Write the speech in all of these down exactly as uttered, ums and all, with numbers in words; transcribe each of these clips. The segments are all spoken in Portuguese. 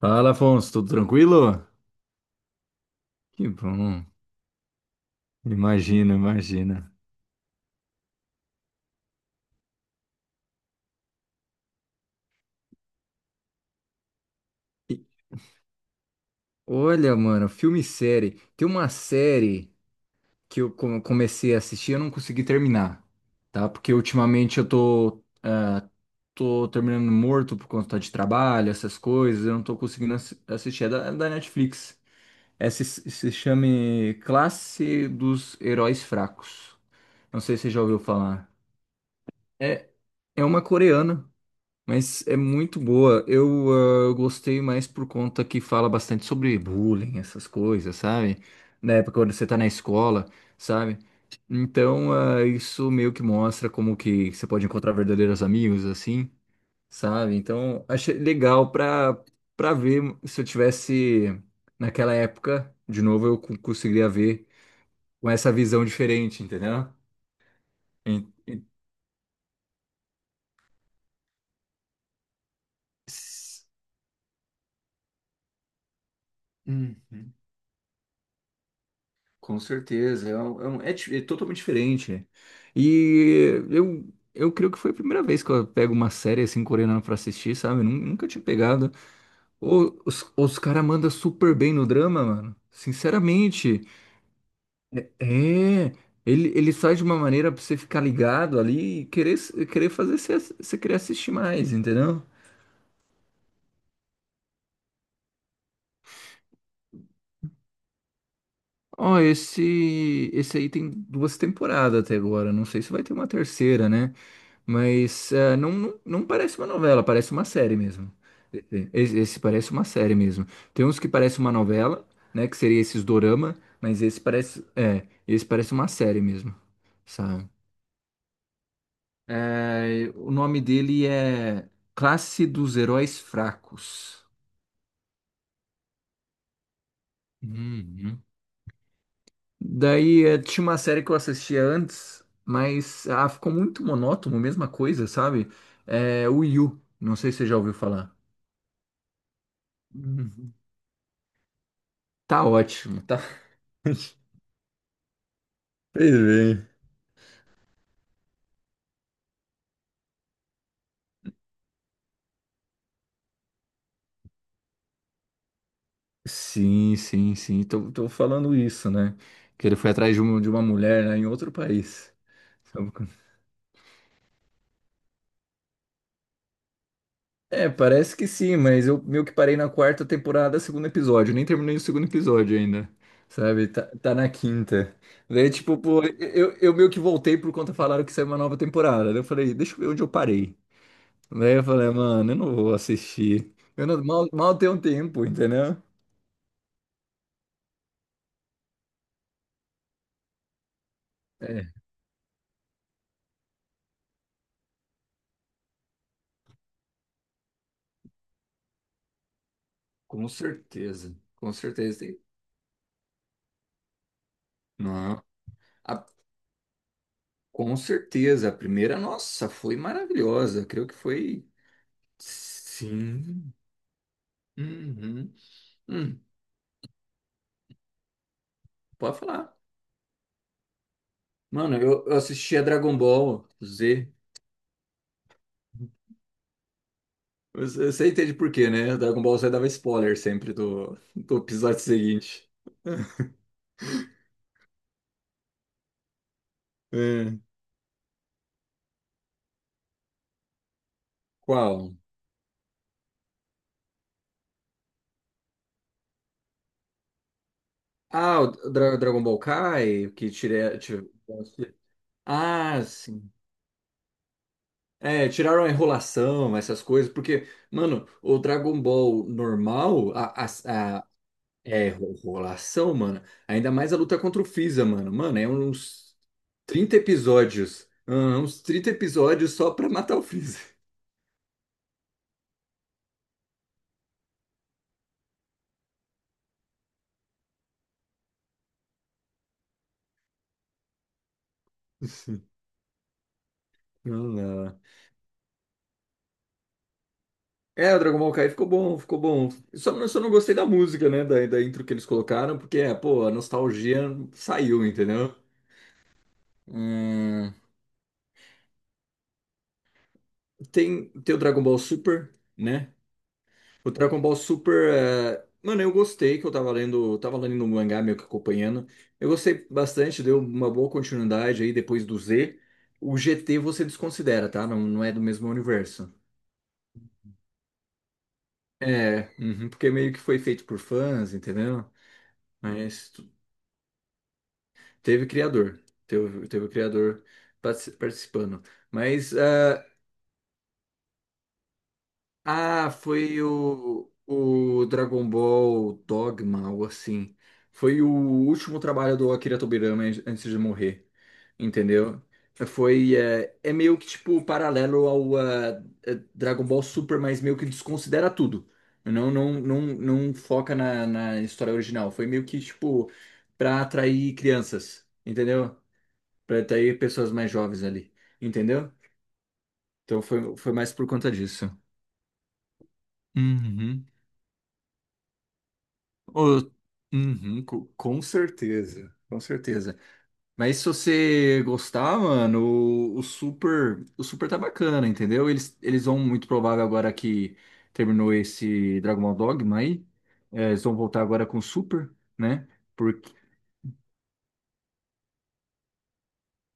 Fala, Afonso, tudo tranquilo? Que bom. Imagina, imagina. E olha, mano, filme e série. Tem uma série que eu come- comecei a assistir e eu não consegui terminar, tá? Porque ultimamente eu tô, ah, tô terminando morto por conta de trabalho, essas coisas, eu não tô conseguindo assi- assistir. É da, é da Netflix. Essa se se chama Classe dos Heróis Fracos. Não sei se você já ouviu falar. É, é uma coreana. Mas é muito boa. Eu, ah, eu gostei mais por conta que fala bastante sobre bullying, essas coisas, sabe? Na época quando você tá na escola, sabe? Então, ah, isso meio que mostra como que você pode encontrar verdadeiros amigos, assim, sabe? Então, achei legal pra, pra ver se eu tivesse naquela época, de novo, eu co- conseguiria ver com essa visão diferente, entendeu? En- en- Hum. Com certeza, é, um- é, um- é di- é totalmente diferente. E eu, eu creio que foi a primeira vez que eu pego uma série assim coreana pra assistir, sabe? Nun- Nunca tinha pegado. Ô, os os caras mandam super bem no drama, mano. Sinceramente, é. Ele, ele sai de uma maneira pra você ficar ligado ali e querer, s- querer fazer você, ass- você querer assistir mais, entendeu? Ó, esse, esse aí tem duas temporadas até agora. Não sei se vai ter uma terceira, né? Mas é, não, não, não parece uma novela, parece uma série mesmo. Esse, esse parece uma série mesmo. Tem uns que parece uma novela, né? Que seria esses dorama, mas esse parece, é, esse parece uma série mesmo, sabe? É, o nome dele é Classe dos Heróis Fracos. Uhum. Daí eh, tinha uma série que eu assistia antes, mas ah, ficou muito monótono, mesma coisa, sabe? É, o Yu, não sei se você já ouviu falar. Uhum. Tá ótimo, tá. Fez bem. Sim, sim, sim. Tô, tô falando isso, né? Que ele foi atrás de uma, de uma mulher, né, em outro país. Sabe quando- É, parece que sim, mas eu meio que parei na quarta temporada, segundo episódio. Nem terminei o segundo episódio ainda. Sabe? Tá, tá na quinta. Daí, tipo, pô, eu, eu meio que voltei por conta falaram que saiu uma nova temporada. Daí eu falei, deixa eu ver onde eu parei. Daí eu falei, mano, eu não vou assistir. Eu não- mal, mal tenho tempo, entendeu? É, com certeza. Com certeza. Tem- Não. A- com certeza, a primeira, nossa, foi maravilhosa. Creio que foi. Sim. Uhum. Hum, pode falar. Mano, eu, eu assistia Dragon Ball Z. Você, você entende por quê, né? Dragon Ball Z dava spoiler sempre do, do episódio seguinte. É. Qual? Ah, o Dra- Dragon Ball Kai, que tira. tira- Ah, sim. É, tiraram a enrolação, essas coisas, porque, mano, o Dragon Ball normal, a, a, a é, enrolação, mano, ainda mais a luta contra o Freeza, mano. Mano, é uns trinta episódios. hum, uns trinta episódios só pra matar o Freeza. Não, não. É, o Dragon Ball Kai ficou bom, ficou bom. Só, não- só não gostei da música, né? Da, da intro que eles colocaram, porque, é, pô, a nostalgia saiu, entendeu? Hum, tem, tem o Dragon Ball Super, né? O Dragon Ball Super, é, mano, eu gostei que eu tava lendo, tava lendo, um mangá meio que acompanhando. Eu gostei bastante, deu uma boa continuidade aí depois do Z. O G T você desconsidera, tá? Não, não é do mesmo universo. É, uhum, porque meio que foi feito por fãs, entendeu? Mas tu- teve criador, teve, teve criador partici- participando. Mas é, Ah, foi o, o Dragon Ball Dogma, ou assim. Foi o último trabalho do Akira Tobirama an- antes de morrer, entendeu? Eh, Foi, é, é meio que, tipo, paralelo ao eh, eh, Dragon Ball Super, mas meio que desconsidera tudo. Não, não, não, não foca na, na história original. Foi meio que, tipo, pra atrair crianças, entendeu? Pra atrair pessoas mais jovens ali, entendeu? Então foi, foi mais por conta disso. Uhum. Ô, uhum, co- com certeza, com certeza. Mas se você gostar, mano, o, o Super, o Super tá bacana, entendeu? Eles, eles vão muito provável agora que terminou esse Dragon Ball Dogma aí, é, eles vão voltar agora com o Super, né? Porque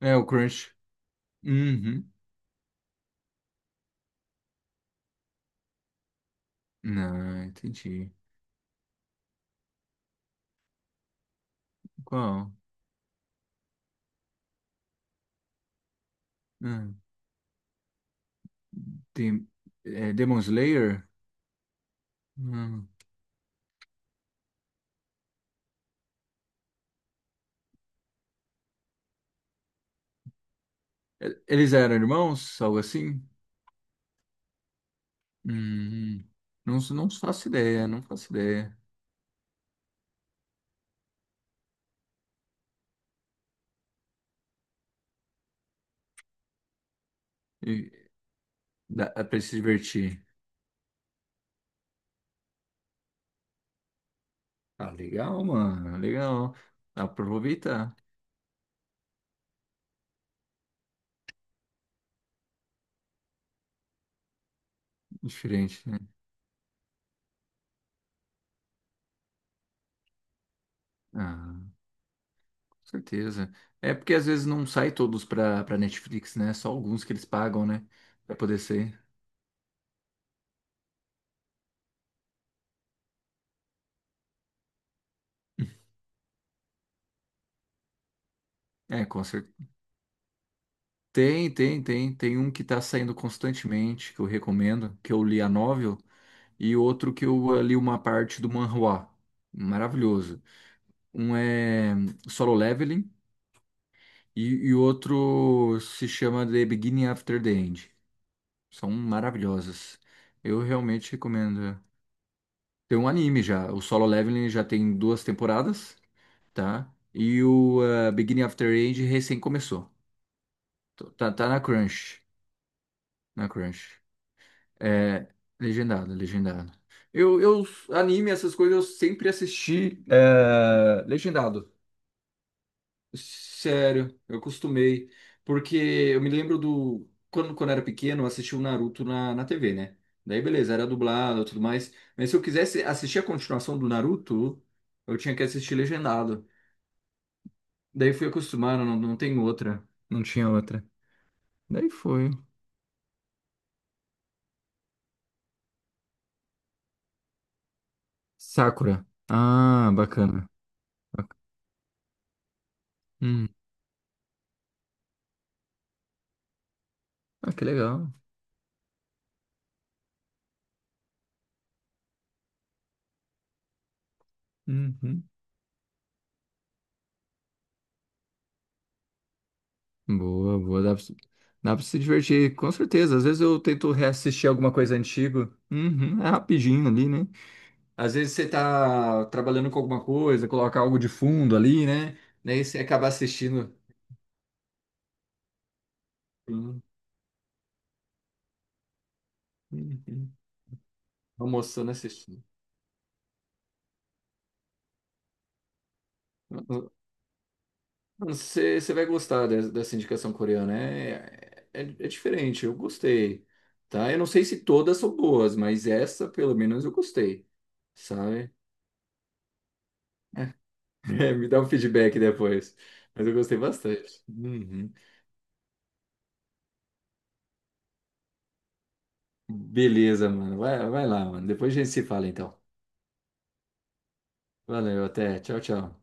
é o Crunch. Uhum. Não, entendi. Qual? Hum, tem, é, Demon Slayer? Hum. E- Eles eram irmãos, algo assim? Hum, não, não faço ideia, não faço ideia. E dá, é pra se divertir. Ah, legal, mano, legal. Dá pra aproveitar diferente, né? Ah, com certeza. É porque às vezes não sai todos pra, pra Netflix, né? Só alguns que eles pagam, né? Pra poder sair. É, com certeza. Tem, tem, tem. Tem um que tá saindo constantemente, que eu recomendo, que eu li a novel, e outro que eu eh, li uma parte do manhwa. Maravilhoso. Um é Solo Leveling. E, e o outro se chama The Beginning After the End. São maravilhosas. Eu realmente recomendo. Tem um anime já. O Solo Leveling já tem duas temporadas, tá? E o eh, Beginning After the End recém começou. Tô- Tá, tá na Crunch. Na Crunch. É, legendado, legendado. Eu, eu, anime, essas coisas, eu sempre assisti eh, legendado. Sério, eu costumei. Porque eu me lembro do. Quando, quando era pequeno, eu assistia o Naruto na, na T V, né? Daí, beleza, era dublado e tudo mais. Mas se eu quisesse assistir a continuação do Naruto, eu tinha que assistir legendado. Daí fui acostumado, não, não tem outra. Não tinha outra. Daí foi. Sakura. Ah, bacana. Hum. Ah, que legal. Uhum. Boa, boa. Dá pra, se- dá pra se divertir, com certeza. Às vezes eu tento reassistir alguma coisa antiga. Uhum. É rapidinho ali, né? Às vezes você tá trabalhando com alguma coisa, coloca algo de fundo ali, né? Daí você acaba assistindo, hum, hum, hum, almoçando, assistindo. Você, você vai gostar des- dessa indicação coreana. É, é, é diferente, eu gostei, tá? Eu não sei se todas são boas, mas essa, pelo menos, eu gostei, sabe? É, me dá um feedback depois. Mas eu gostei bastante. Uhum. Beleza, mano. Vai, vai lá, mano. Depois a gente se fala, então. Valeu, até. Tchau, tchau.